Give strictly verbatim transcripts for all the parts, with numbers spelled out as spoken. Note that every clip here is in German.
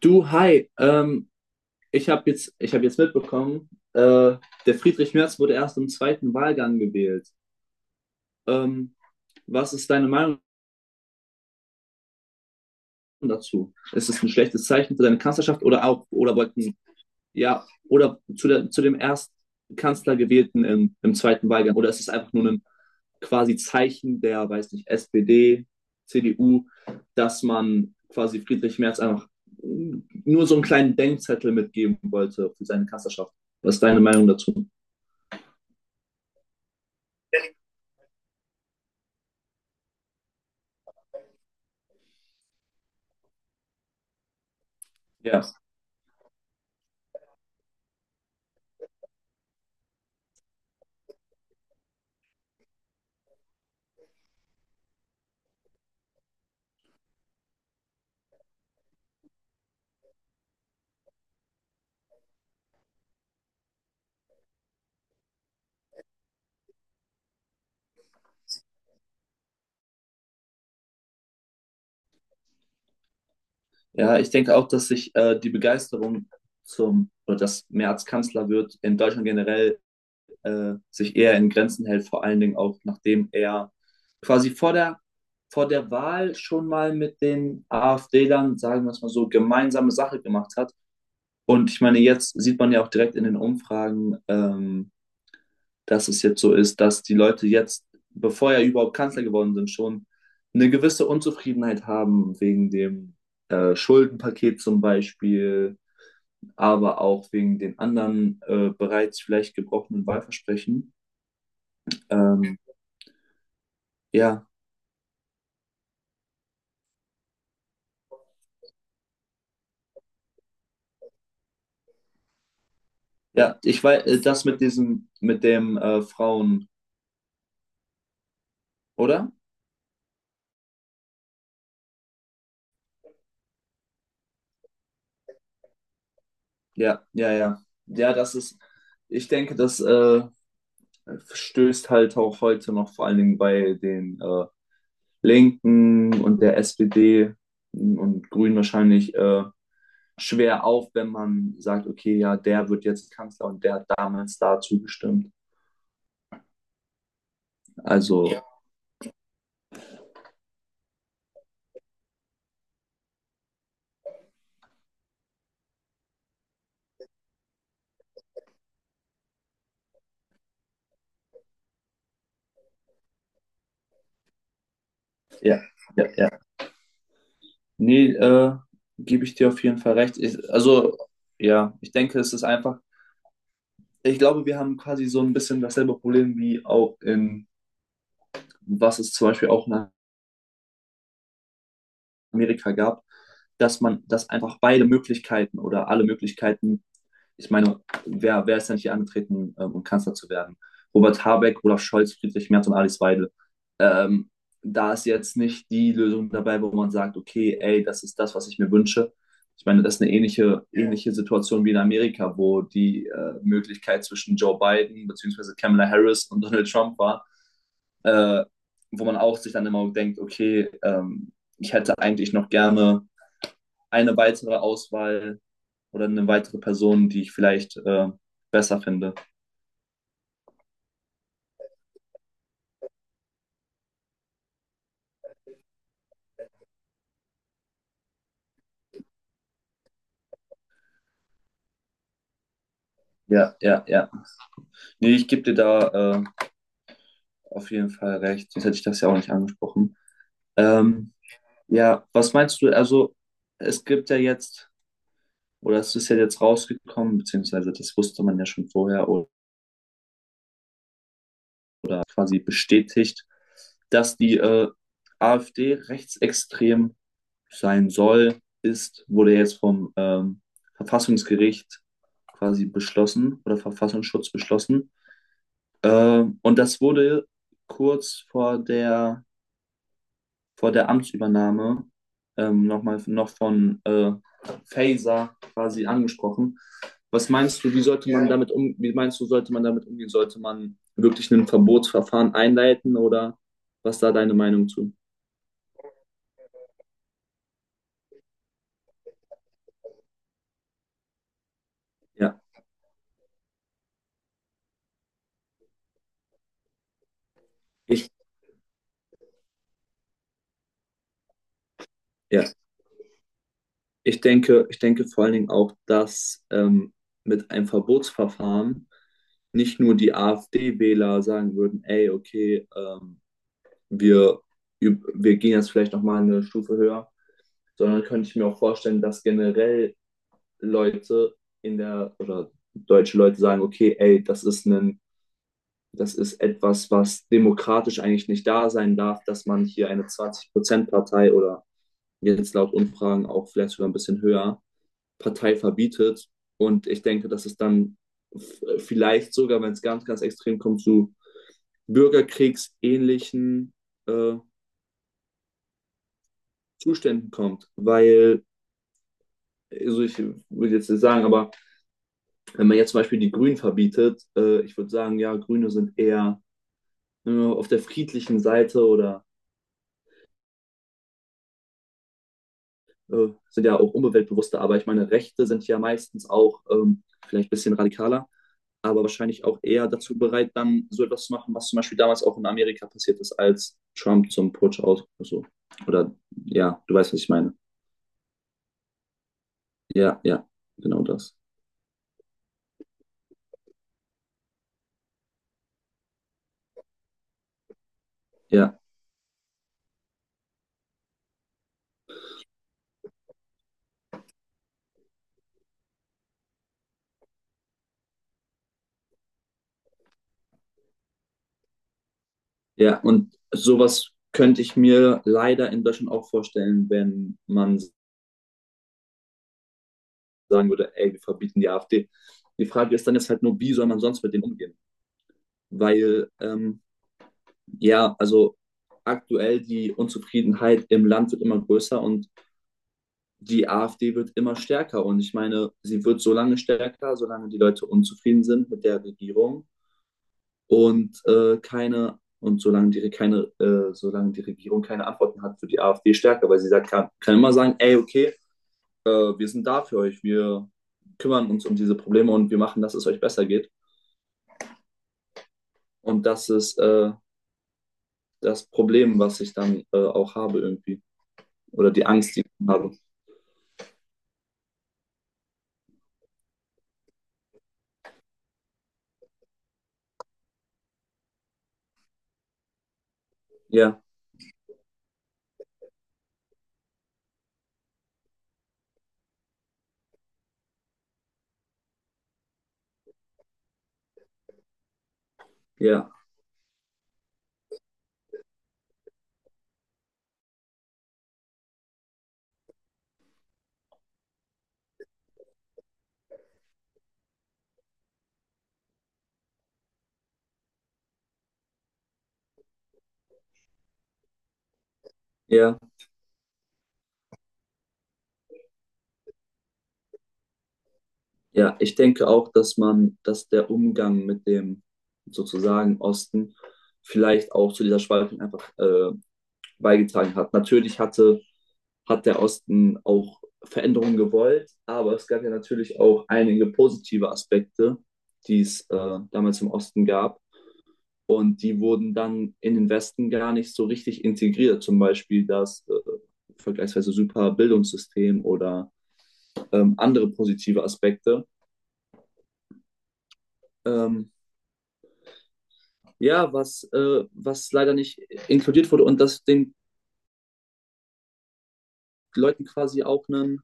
Du, hi, ähm, ich habe jetzt, ich hab jetzt mitbekommen, äh, der Friedrich Merz wurde erst im zweiten Wahlgang gewählt. Ähm, Was ist deine Meinung dazu? Ist es ein schlechtes Zeichen für deine Kanzlerschaft oder auch, oder wollten ja, oder zu, der, zu dem ersten Kanzler gewählten im, im zweiten Wahlgang. Oder ist es einfach nur ein quasi Zeichen der, weiß nicht, S P D, C D U, dass man quasi Friedrich Merz einfach nur so einen kleinen Denkzettel mitgeben wollte für seine Kanzlerschaft? Was ist deine Meinung dazu? Ja, ja, ich denke auch, dass sich äh, die Begeisterung zum, oder dass Merz Kanzler wird, in Deutschland generell äh, sich eher in Grenzen hält, vor allen Dingen auch nachdem er quasi vor der, vor der Wahl schon mal mit den AfD-Lern, sagen wir es mal so, gemeinsame Sache gemacht hat. Und ich meine, jetzt sieht man ja auch direkt in den Umfragen, ähm, dass es jetzt so ist, dass die Leute jetzt, bevor er überhaupt Kanzler geworden sind, schon eine gewisse Unzufriedenheit haben wegen dem äh, Schuldenpaket zum Beispiel, aber auch wegen den anderen äh, bereits vielleicht gebrochenen Wahlversprechen. Ähm, Ja, ja, ich weiß, das mit diesem, mit dem äh, Frauen, oder? Ja, ja, ja. Ja, das ist, ich denke, das äh, stößt halt auch heute noch vor allen Dingen bei den äh, Linken und der S P D und Grünen wahrscheinlich äh, schwer auf, wenn man sagt, okay, ja, der wird jetzt Kanzler und der hat damals dazu gestimmt. Also, ja. Ja, ja, ja. Nee, äh, gebe ich dir auf jeden Fall recht. Ich, also, ja, ich denke, es ist einfach, ich glaube, wir haben quasi so ein bisschen dasselbe Problem wie auch in, was es zum Beispiel auch in Amerika gab, dass man, dass einfach beide Möglichkeiten oder alle Möglichkeiten, ich meine, wer, wer ist denn nicht hier angetreten, ähm, um Kanzler zu werden? Robert Habeck, Olaf Scholz, Friedrich Merz und Alice Weidel. Ähm, Da ist jetzt nicht die Lösung dabei, wo man sagt, okay, ey, das ist das, was ich mir wünsche. Ich meine, das ist eine ähnliche, ähnliche Situation wie in Amerika, wo die äh, Möglichkeit zwischen Joe Biden bzw. Kamala Harris und Donald Trump war. äh, Wo man auch sich dann immer denkt, okay, ähm, ich hätte eigentlich noch gerne eine weitere Auswahl oder eine weitere Person, die ich vielleicht äh, besser finde. Ja, ja, ja. Nee, ich gebe dir da äh, auf jeden Fall recht. Sonst hätte ich das ja auch nicht angesprochen. Ähm, ja, was meinst du? Also, es gibt ja jetzt, oder es ist ja jetzt rausgekommen, beziehungsweise das wusste man ja schon vorher oder quasi bestätigt, dass die äh, AfD rechtsextrem sein soll, ist, wurde jetzt vom ähm, Verfassungsgericht quasi beschlossen oder Verfassungsschutz beschlossen. Ähm, und das wurde kurz vor der, vor der Amtsübernahme ähm, nochmal noch von äh, Faser quasi angesprochen. Was meinst du, wie sollte man damit um, wie meinst du, sollte man damit umgehen? Sollte man wirklich ein Verbotsverfahren einleiten oder was ist da deine Meinung zu? Ja, ich, ja. Ich denke, ich denke vor allen Dingen auch, dass ähm, mit einem Verbotsverfahren nicht nur die AfD-Wähler sagen würden, ey, okay, ähm, wir, üb- wir gehen jetzt vielleicht nochmal eine Stufe höher, sondern könnte ich mir auch vorstellen, dass generell Leute in der, oder deutsche Leute sagen, okay, ey, das ist ein, das ist etwas, was demokratisch eigentlich nicht da sein darf, dass man hier eine zwanzig-Prozent-Partei oder jetzt laut Umfragen auch vielleicht sogar ein bisschen höher, Partei verbietet. Und ich denke, dass es dann vielleicht sogar, wenn es ganz, ganz extrem kommt, zu bürgerkriegsähnlichen äh, Zuständen kommt. Weil, also ich würde jetzt nicht sagen, aber wenn man jetzt zum Beispiel die Grünen verbietet, äh, ich würde sagen, ja, Grüne sind eher äh, auf der friedlichen Seite oder äh, sind ja auch umweltbewusster, aber ich meine, Rechte sind ja meistens auch ähm, vielleicht ein bisschen radikaler. Aber wahrscheinlich auch eher dazu bereit, dann so etwas zu machen, was zum Beispiel damals auch in Amerika passiert ist, als Trump zum Putsch aus, also, oder ja, du weißt, was ich meine. Ja, ja, genau das. Ja, ja, und sowas könnte ich mir leider in Deutschland auch vorstellen, wenn man sagen würde, ey, wir verbieten die AfD. Die Frage ist dann jetzt halt nur, wie soll man sonst mit denen umgehen? Weil, ähm, ja, also aktuell die Unzufriedenheit im Land wird immer größer und die AfD wird immer stärker. Und ich meine, sie wird so lange stärker, solange die Leute unzufrieden sind mit der Regierung und äh, keine und solange die, keine, äh, solange die Regierung keine Antworten hat, wird die AfD stärker, weil sie sagt, kann, kann immer sagen, ey, okay, äh, wir sind da für euch, wir kümmern uns um diese Probleme und wir machen, dass es euch besser geht. Und das ist äh, das Problem, was ich dann äh, auch habe irgendwie. Oder die Angst, die ich habe. Ja, ja, ja. Ja, ich denke auch, dass man, dass der Umgang mit dem sozusagen Osten vielleicht auch zu dieser Spaltung einfach äh, beigetragen hat. Natürlich hatte, hat der Osten auch Veränderungen gewollt, aber es gab ja natürlich auch einige positive Aspekte, die es äh, damals im Osten gab. Und die wurden dann in den Westen gar nicht so richtig integriert. Zum Beispiel das äh, vergleichsweise super Bildungssystem oder ähm, andere positive Aspekte. Ähm, ja, was, äh, was leider nicht inkludiert wurde und das den Leuten quasi auch ein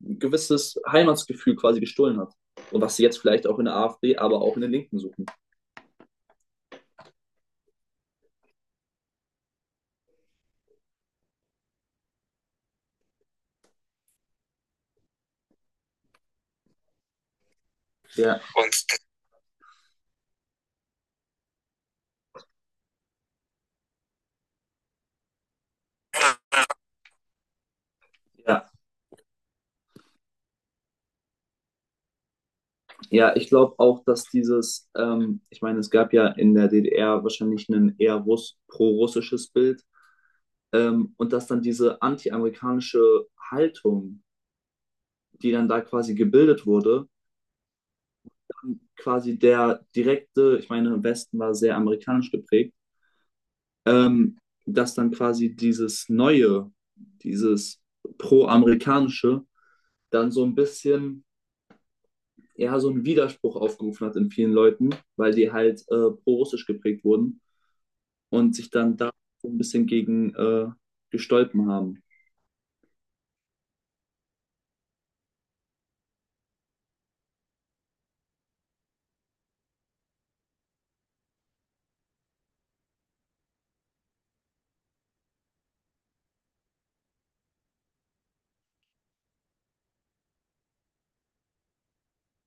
gewisses Heimatsgefühl quasi gestohlen hat. Und was sie jetzt vielleicht auch in der AfD, aber auch in den Linken suchen. Ja, ja, ja, ich glaube auch, dass dieses, ähm, ich meine, es gab ja in der D D R wahrscheinlich ein eher Russ pro-russisches Bild, ähm, und dass dann diese anti-amerikanische Haltung, die dann da quasi gebildet wurde, quasi der direkte, ich meine, im Westen war sehr amerikanisch geprägt, ähm, dass dann quasi dieses Neue, dieses Pro-Amerikanische, dann so ein bisschen ja, so einen Widerspruch aufgerufen hat in vielen Leuten, weil die halt äh, pro-russisch geprägt wurden und sich dann da so ein bisschen gegen äh, gestolpen haben.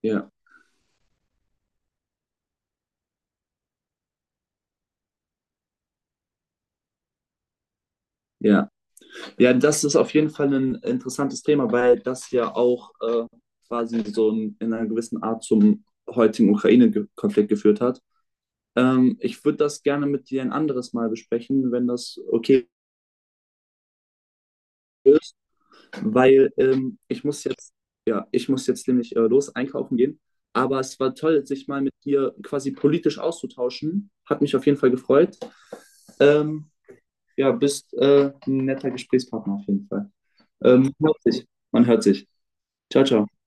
Ja, ja. Ja, das ist auf jeden Fall ein interessantes Thema, weil das ja auch äh, quasi so ein, in einer gewissen Art zum heutigen Ukraine-Konflikt geführt hat. Ähm, ich würde das gerne mit dir ein anderes Mal besprechen, wenn das okay ist, weil ähm, ich muss jetzt, ja, ich muss jetzt nämlich äh, los einkaufen gehen. Aber es war toll, sich mal mit dir quasi politisch auszutauschen. Hat mich auf jeden Fall gefreut. Ähm, ja, bist äh, ein netter Gesprächspartner auf jeden Fall. Ähm, man hört sich. Man hört sich. Ciao, ciao.